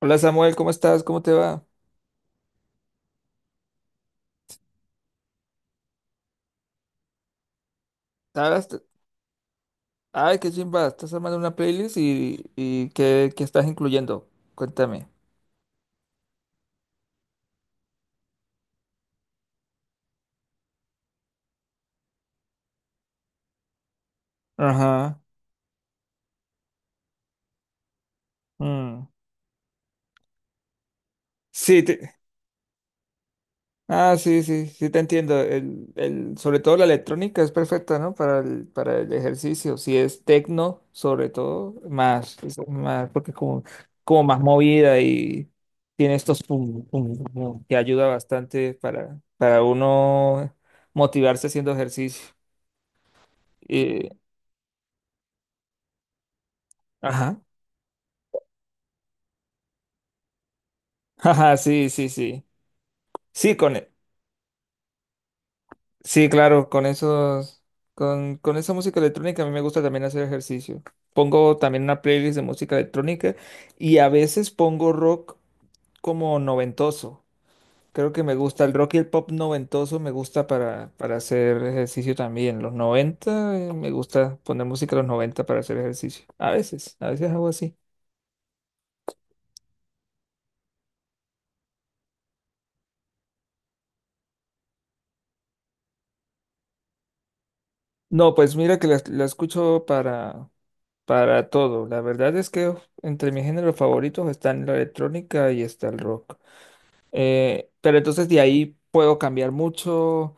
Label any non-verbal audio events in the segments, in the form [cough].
Hola Samuel, ¿cómo estás? ¿Cómo te va? ¿Sabes? Ay, qué chimba, estás armando una playlist y ¿qué estás incluyendo? Cuéntame. Ajá. mm. Sí, te- ah, sí, sí, sí te entiendo. Sobre todo la electrónica es perfecta, ¿no? Para para el ejercicio. Si es tecno, sobre todo, es más, porque es como, como más movida y tiene estos pum, pum, pum, que ayuda bastante para uno motivarse haciendo ejercicio. Ajá. [laughs] Ajá, sí, sí, sí. Sí, con, e- sí, claro, con esos, con esa música electrónica a mí me gusta también hacer ejercicio. Pongo también una playlist de música electrónica, y a veces pongo rock como noventoso. Creo que me gusta el rock y el pop noventoso, me gusta para hacer ejercicio también. Los noventa, me gusta poner música de los 90 para hacer ejercicio. A veces hago así. No, pues mira que la escucho para todo. La verdad es que entre mis géneros favoritos están la electrónica y está el rock. Pero entonces de ahí puedo cambiar mucho,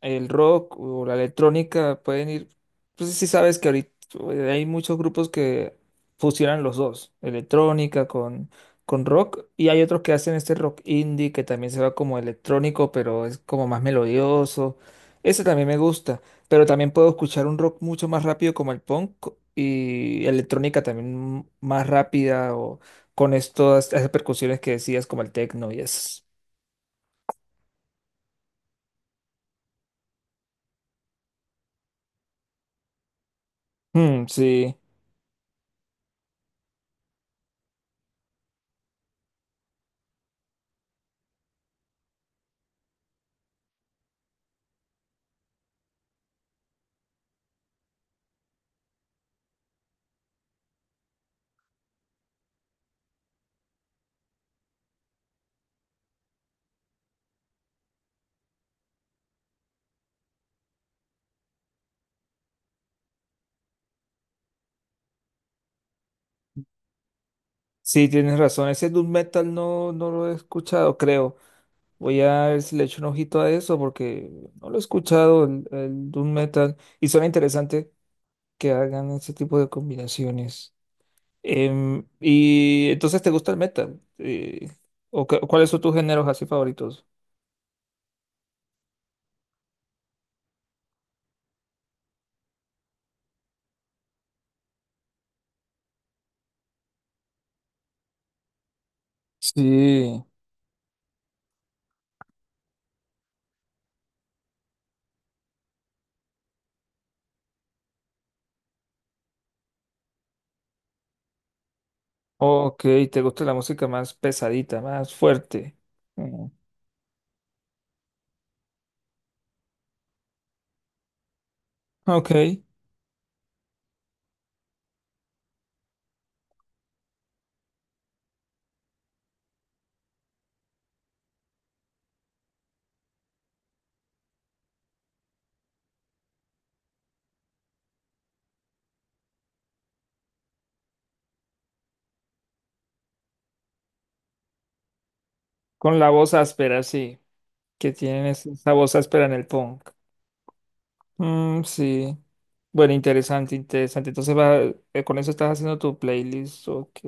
el rock o la electrónica pueden ir, pues sí sabes que ahorita, hay muchos grupos que fusionan los dos, electrónica con rock, y hay otros que hacen este rock indie que también se va como electrónico, pero es como más melodioso. Ese también me gusta, pero también puedo escuchar un rock mucho más rápido como el punk, y electrónica también más rápida, o con estas esas percusiones que decías como el techno y eso. Mm, sí. Sí, tienes razón. Ese doom metal no lo he escuchado, creo. Voy a ver si le echo un ojito a eso, porque no lo he escuchado, el doom metal. Y suena interesante que hagan ese tipo de combinaciones. Y entonces, ¿te gusta el metal? ¿O cuáles son tus géneros así favoritos? Sí, ok, te gusta la música más pesadita, más fuerte. Mm, ok, con la voz áspera, sí, que tienen esa voz áspera en el punk. Mm, sí. Bueno, interesante, interesante. Entonces va, con eso estás haciendo tu playlist, ok.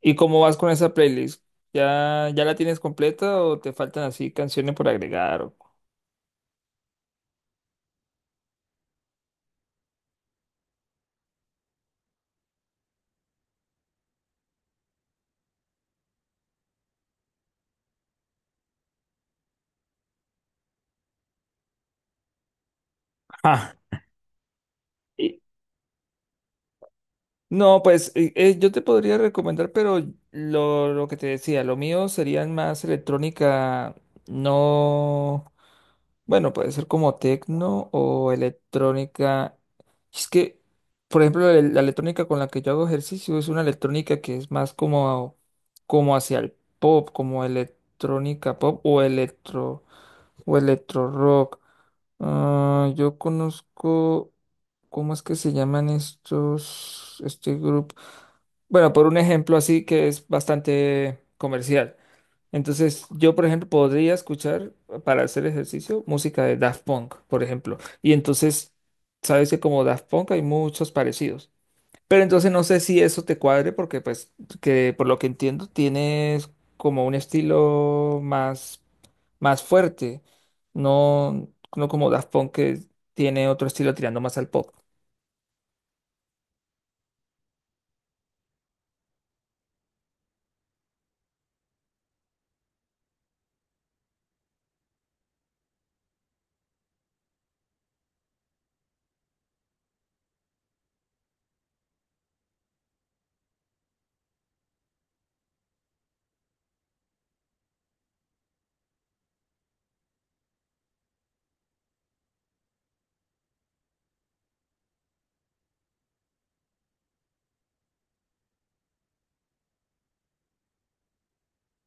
¿Y cómo vas con esa playlist? Ya la tienes completa o te faltan así canciones por agregar? O... Ah. [laughs] No, pues yo te podría recomendar, pero lo que te decía, lo mío serían más electrónica. No, bueno, puede ser como tecno o electrónica. Es que, por ejemplo, la electrónica con la que yo hago ejercicio es una electrónica que es más como, como hacia el pop, como electrónica pop o electro rock. Ah, yo conozco, ¿cómo es que se llaman este grupo? Bueno, por un ejemplo así que es bastante comercial. Entonces, yo, por ejemplo, podría escuchar para hacer ejercicio música de Daft Punk, por ejemplo. Y entonces, sabes que como Daft Punk hay muchos parecidos. Pero entonces no sé si eso te cuadre, porque pues, que por lo que entiendo, tienes como un estilo más, más fuerte. No, no como Daft Punk que tiene otro estilo tirando más al pop.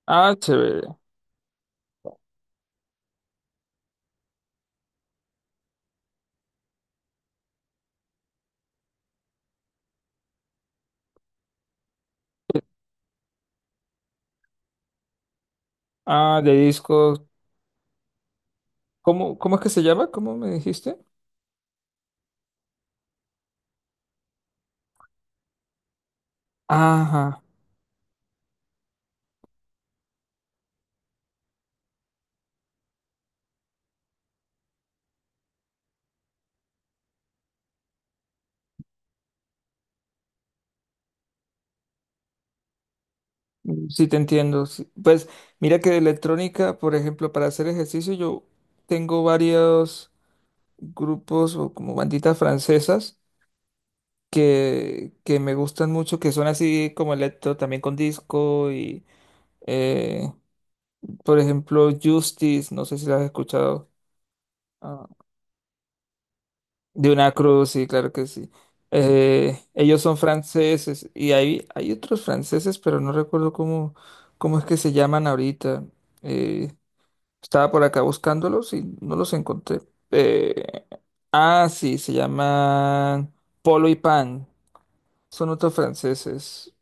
Ah, chévere. Ah, de disco. Cómo es que se llama? ¿Cómo me dijiste? Ajá, sí te entiendo. Sí. Pues mira que de electrónica, por ejemplo, para hacer ejercicio yo tengo varios grupos o como banditas francesas que me gustan mucho, que son así como electro, también con disco y, eh, por ejemplo, Justice, no sé si las has escuchado. De una cruz, sí, claro que sí. Ellos son franceses y hay otros franceses, pero no recuerdo cómo, cómo es que se llaman ahorita. Eh, Estaba por acá buscándolos y no los encontré. Eh, ah, sí, se llaman Polo y Pan. Son otros franceses,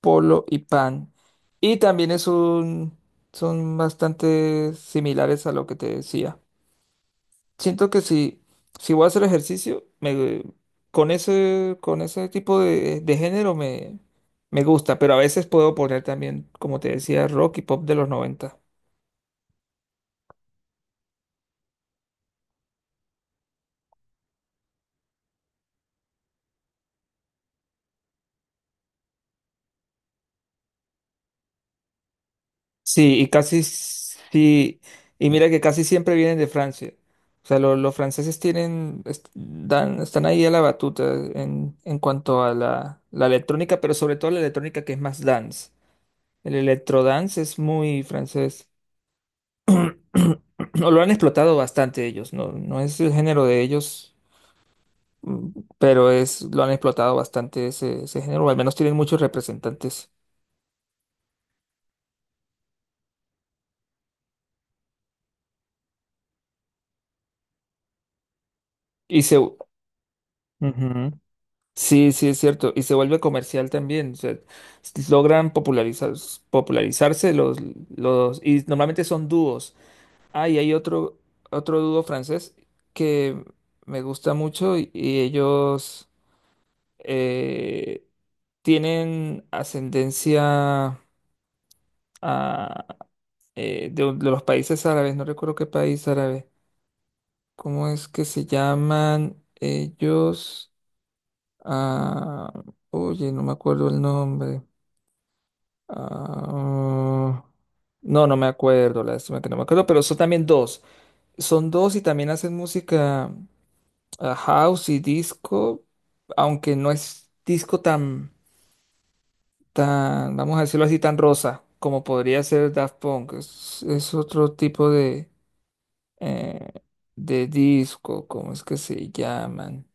Polo y Pan. Y también son bastante similares a lo que te decía. Siento que si voy a hacer ejercicio, con ese tipo de género me gusta, pero a veces puedo poner también, como te decía, rock y pop de los noventa. Sí, y mira que casi siempre vienen de Francia. O sea, los franceses tienen, dan, están ahí a la batuta en cuanto a la electrónica, pero sobre todo la electrónica que es más dance. El electrodance es muy francés. [clears throat] Lo han explotado bastante ellos. No, no es el género de ellos, mm, pero es, lo han explotado bastante ese género, o al menos tienen muchos representantes. Ujú. Sí, sí, es cierto, y se vuelve comercial también, o sea, logran popularizarse los, y normalmente son dúos. Ah, y hay otro dúo francés que me gusta mucho, y ellos, eh, tienen ascendencia a, de, de los países árabes, no recuerdo qué país árabe, ¿cómo es que se llaman ellos? Ah, oye, no me acuerdo el nombre. Ah, no, no me acuerdo, lástima que no me acuerdo, pero son también dos. Son dos y también hacen música, house y disco, aunque no es disco tan, tan, vamos a decirlo así, tan rosa como podría ser Daft Punk. Es otro tipo de, eh, de disco. ¿Cómo es que se llaman?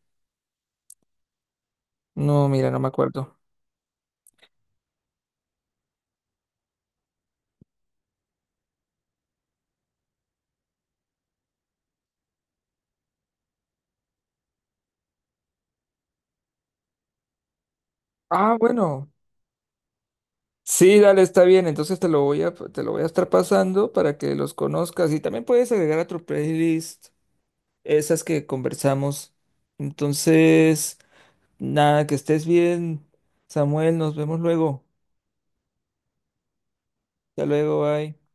No, mira, no me acuerdo. Ah, bueno. Sí, dale, está bien. Entonces te lo voy a estar pasando para que los conozcas. Y también puedes agregar a tu playlist esas que conversamos. Entonces, nada, que estés bien, Samuel. Nos vemos luego. Hasta luego, bye.